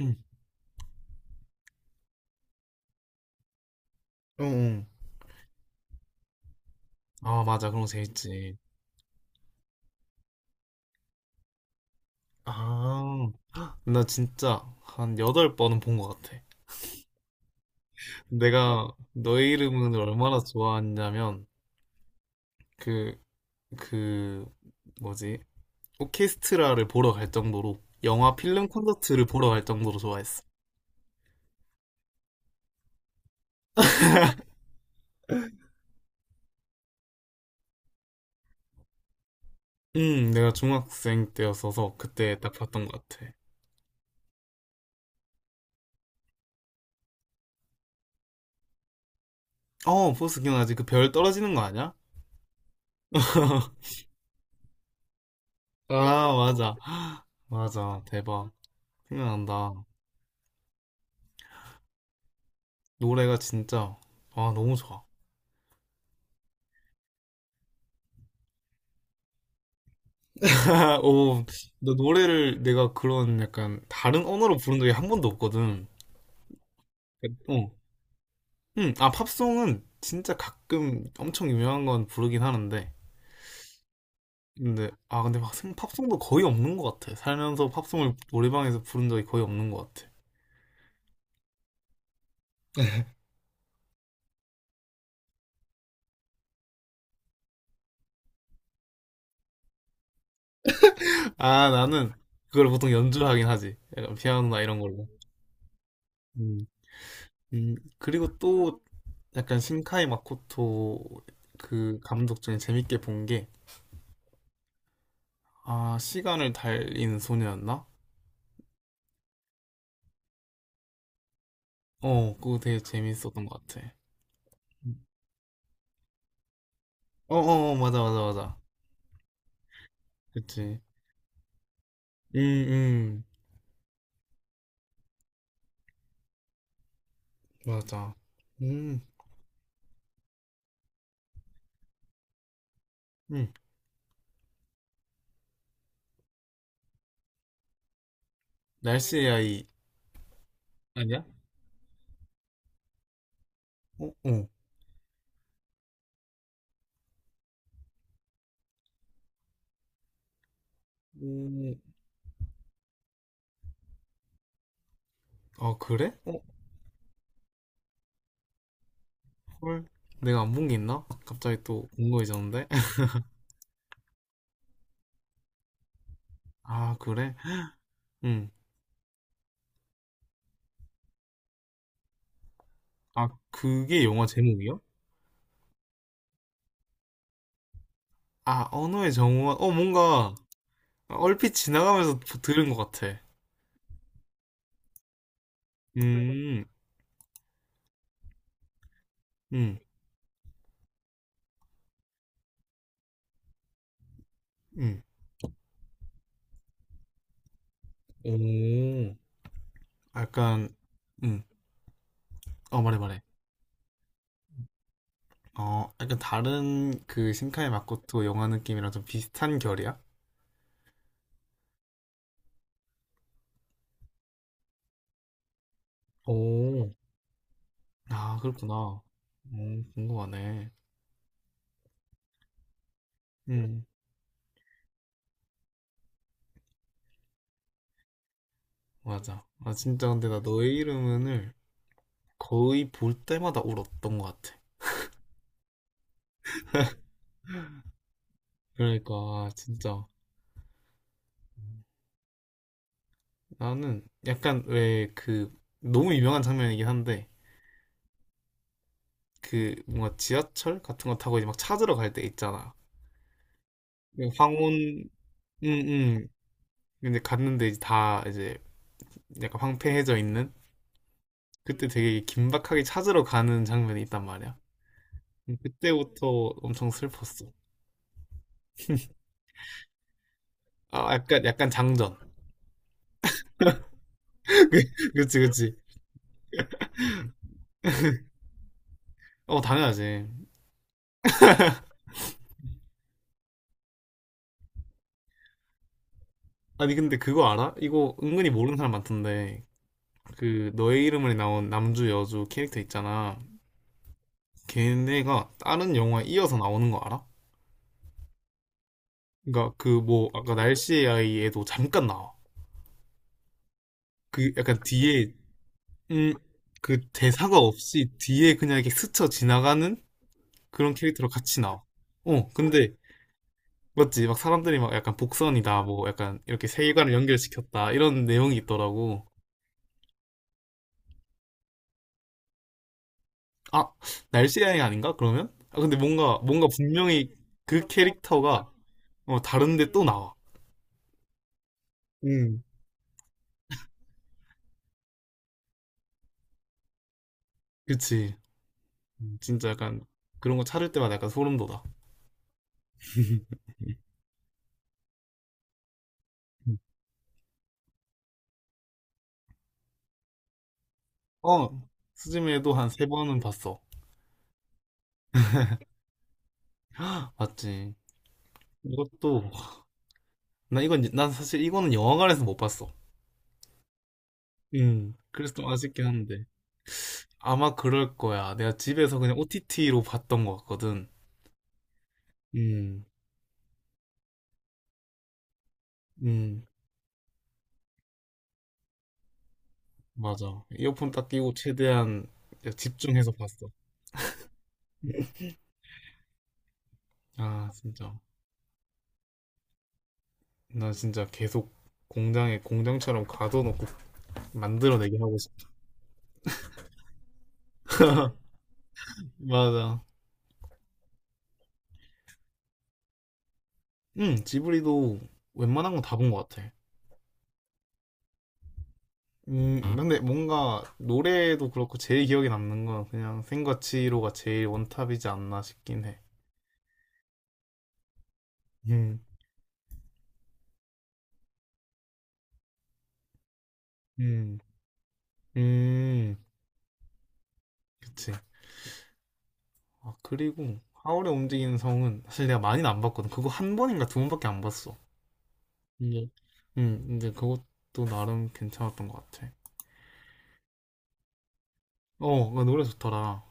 응. 어, 어. 아, 맞아. 그런 거 재밌지. 아, 나 진짜 한 여덟 번은 본 것 같아. 내가 너의 이름을 얼마나 좋아하냐면, 그, 그, 뭐지? 오케스트라를 보러 갈 정도로, 영화 필름 콘서트를 보러 갈 정도로 좋아했어. 내가 중학생 때였어서 그때 딱 봤던 것 같아. 어, 포스 기억나지? 그 별 떨어지는 거 아니야? 아, 맞아. 맞아. 대박. 생각난다. 노래가 진짜, 아, 너무 좋아. 오, 나 노래를 내가 그런 약간 다른 언어로 부른 적이 한 번도 없거든. 어. 응, 아, 팝송은 진짜 가끔 엄청 유명한 건 부르긴 하는데. 근데 막 팝송도 거의 없는 것 같아. 살면서 팝송을 노래방에서 부른 적이 거의 없는 것 같아. 아, 나는 그걸 보통 연주하긴 하지. 약간 피아노나 이런 걸로. 음, 그리고 또 약간 신카이 마코토 그 감독 중에 재밌게 본 게, 아, 시간을 달리는 소녀였나? 어, 그거 되게 재밌었던 것 같아. 음. 어, 어, 어, 맞아, 맞아, 맞아. 그치. 음, 맞아. 음, 음. 날씨 AI 아니야? 어, 어. 음, 아, 그래? 어, 헐. 내가 안 본 게 있나? 아, 갑자기 또 궁금해졌는데? 아, 그래? 음. 아, 그게 영화 제목이야? 아, 언어의 정원. 어, 뭔가 얼핏 지나가면서 들은 것 같아. 음, 음, 음. 오, 약간, 음. 어, 말해, 말해. 어, 약간 다른 그 신카이 마코토 영화 느낌이랑 좀 비슷한 결이야? 오, 아, 그렇구나. 궁금하네. 음, 맞아. 아, 진짜 근데 나 너의 이름을 거의 볼 때마다 울었던 것 같아. 그러니까, 진짜. 나는 약간 왜 그, 너무 유명한 장면이긴 한데, 그 뭔가 지하철 같은 거 타고 이제 막 찾으러 갈 때 있잖아. 그 황혼, 응, 응. 근데 갔는데 이제 다 이제 약간 황폐해져 있는? 그때 되게 긴박하게 찾으러 가는 장면이 있단 말이야. 그때부터 엄청 슬펐어. 아, 약간 장전. 그치, 그치. 어, 당연하지. 아니, 근데 그거 알아? 이거 은근히 모르는 사람 많던데. 그, 너의 이름을 나온 남주 여주 캐릭터 있잖아. 걔네가 다른 영화에 이어서 나오는 거 알아? 그니까 그 뭐, 아까 날씨의 아이에도 잠깐 나와. 그 약간 뒤에, 음, 그 대사가 없이 뒤에 그냥 이렇게 스쳐 지나가는 그런 캐릭터로 같이 나와. 어, 근데 맞지? 막 사람들이 막 약간 복선이다, 뭐 약간 이렇게 세계관을 연결시켰다, 이런 내용이 있더라고. 아, 날씨 여행 아닌가? 그러면? 아, 근데 뭔가 분명히 그 캐릭터가 다른데 또 나와. 음. 그치. 진짜 약간 그런 거 찾을 때마다 약간 소름 돋아. 음. 어, 스즈메도 한 세 번은 봤어. 헉, 맞지. 이것도, 나 이건, 난 사실 이거는 영화관에서 못 봤어. 그래서 좀 아쉽긴 한데. 아마 그럴 거야. 내가 집에서 그냥 OTT로 봤던 것 같거든. 음, 음, 맞아. 이어폰 딱 끼고 최대한 집중해서 봤어. 아, 진짜. 난 진짜 계속 공장에 공장처럼 가둬놓고 만들어내게 하고 싶어. 맞아. 응, 지브리도 웬만한 건 다 본 것 같아. 근데 뭔가 노래도 그렇고 제일 기억에 남는 건 그냥 생과 치히로가 제일 원탑이지 않나 싶긴 해. 음, 음, 음, 그치. 아, 그리고 하울의 움직이는 성은 사실 내가 많이는 안 봤거든. 그거 한 번인가 두 번밖에 안 봤어. 근 근데 그것도 나름 괜찮았던 것 같아. 어, 그 노래 좋더라.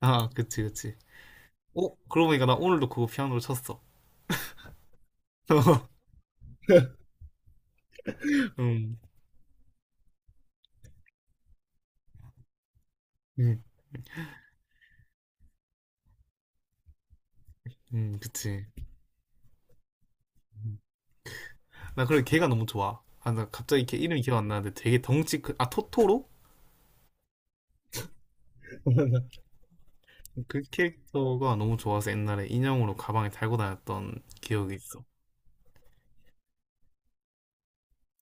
아, 그치, 그치. 어, 그러고 보니까 나 오늘도 그거 피아노를 쳤어. 음, 음, 그치. 음. 나 그래, 걔가 너무 좋아. 아, 나 갑자기 걔 이름이 기억 안 나는데 되게 덩치 큰, 아, 토토로? 그 캐릭터가 너무 좋아서 옛날에 인형으로 가방에 달고 다녔던 기억이 있어.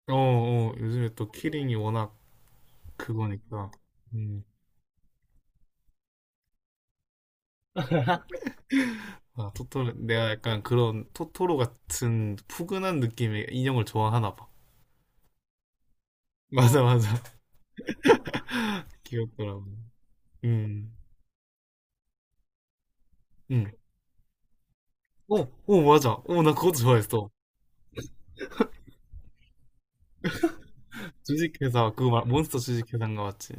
어, 어, 요즘에 또 키링이 워낙 그거니까. 음, 아, 토토로, 내가 약간 그런 토토로 같은 푸근한 느낌의 인형을 좋아하나 봐. 맞아, 맞아. 귀엽더라고. 음, 음. 어, 어, 맞아. 어, 나 그것도 좋아했어. 주식회사, 그거 말, 몬스터 주식회사인가 맞지?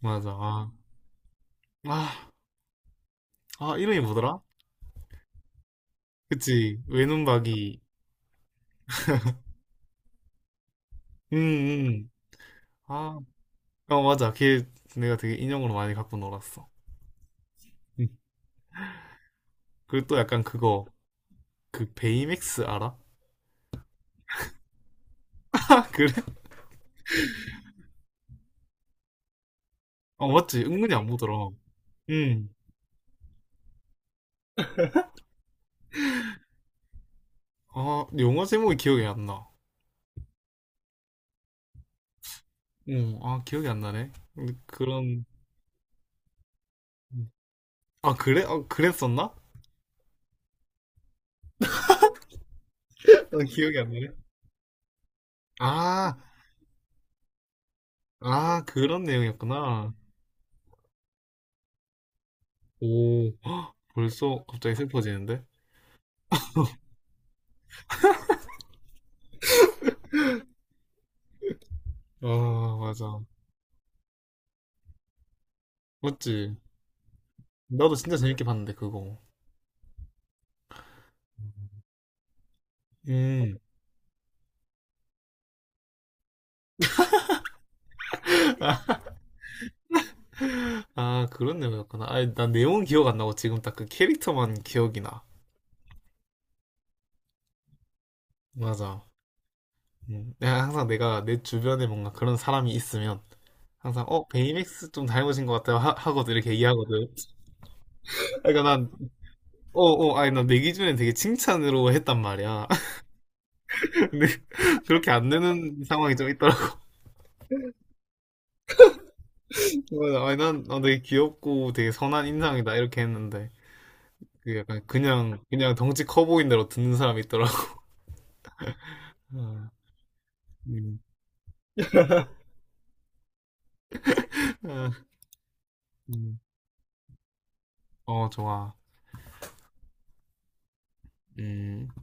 맞아. 아, 아, 아, 이름이 뭐더라? 그치. 외눈박이. 음, 음. 아, 어, 맞아. 걔 내가 되게 인형으로 많이 갖고 놀았어. 음. 그리고 또 약간 그거, 그 베이맥스 알아? 그래? 어, 맞지. 은근히 안 보더라. 음. 아, 영화 제목이 기억이 안 나. 어, 아, 기억이 안 나네. 근데 그런, 아, 그래? 아, 그랬었나? 아, 기억이 안 나네. 아, 아, 그런 내용이었구나. 오, 헉, 벌써 갑자기 슬퍼지는데? 아, 맞아. 맞지? 나도 진짜 재밌게 봤는데, 그거. 음, 아, 아, 그런 내용이었구나. 아니, 난 내용은 기억 안 나고 지금 딱 그 캐릭터만 기억이 나. 맞아. 내가 항상 내가 내 주변에 뭔가 그런 사람이 있으면 항상 베이맥스 좀 닮으신 것 같아요 하고도 이렇게 얘기하거든 그러니까 난어어 아니 난 내 기준엔 되게 칭찬으로 했단 말이야 근데 그렇게 안 되는 상황이 좀 있더라고 그래서 아니 난, 되게 귀엽고 되게 선한 인상이다 이렇게 했는데 그게 약간 그냥 그냥 덩치 커 보인 대로 듣는 사람이 있더라고 음. 음. 어 좋아 음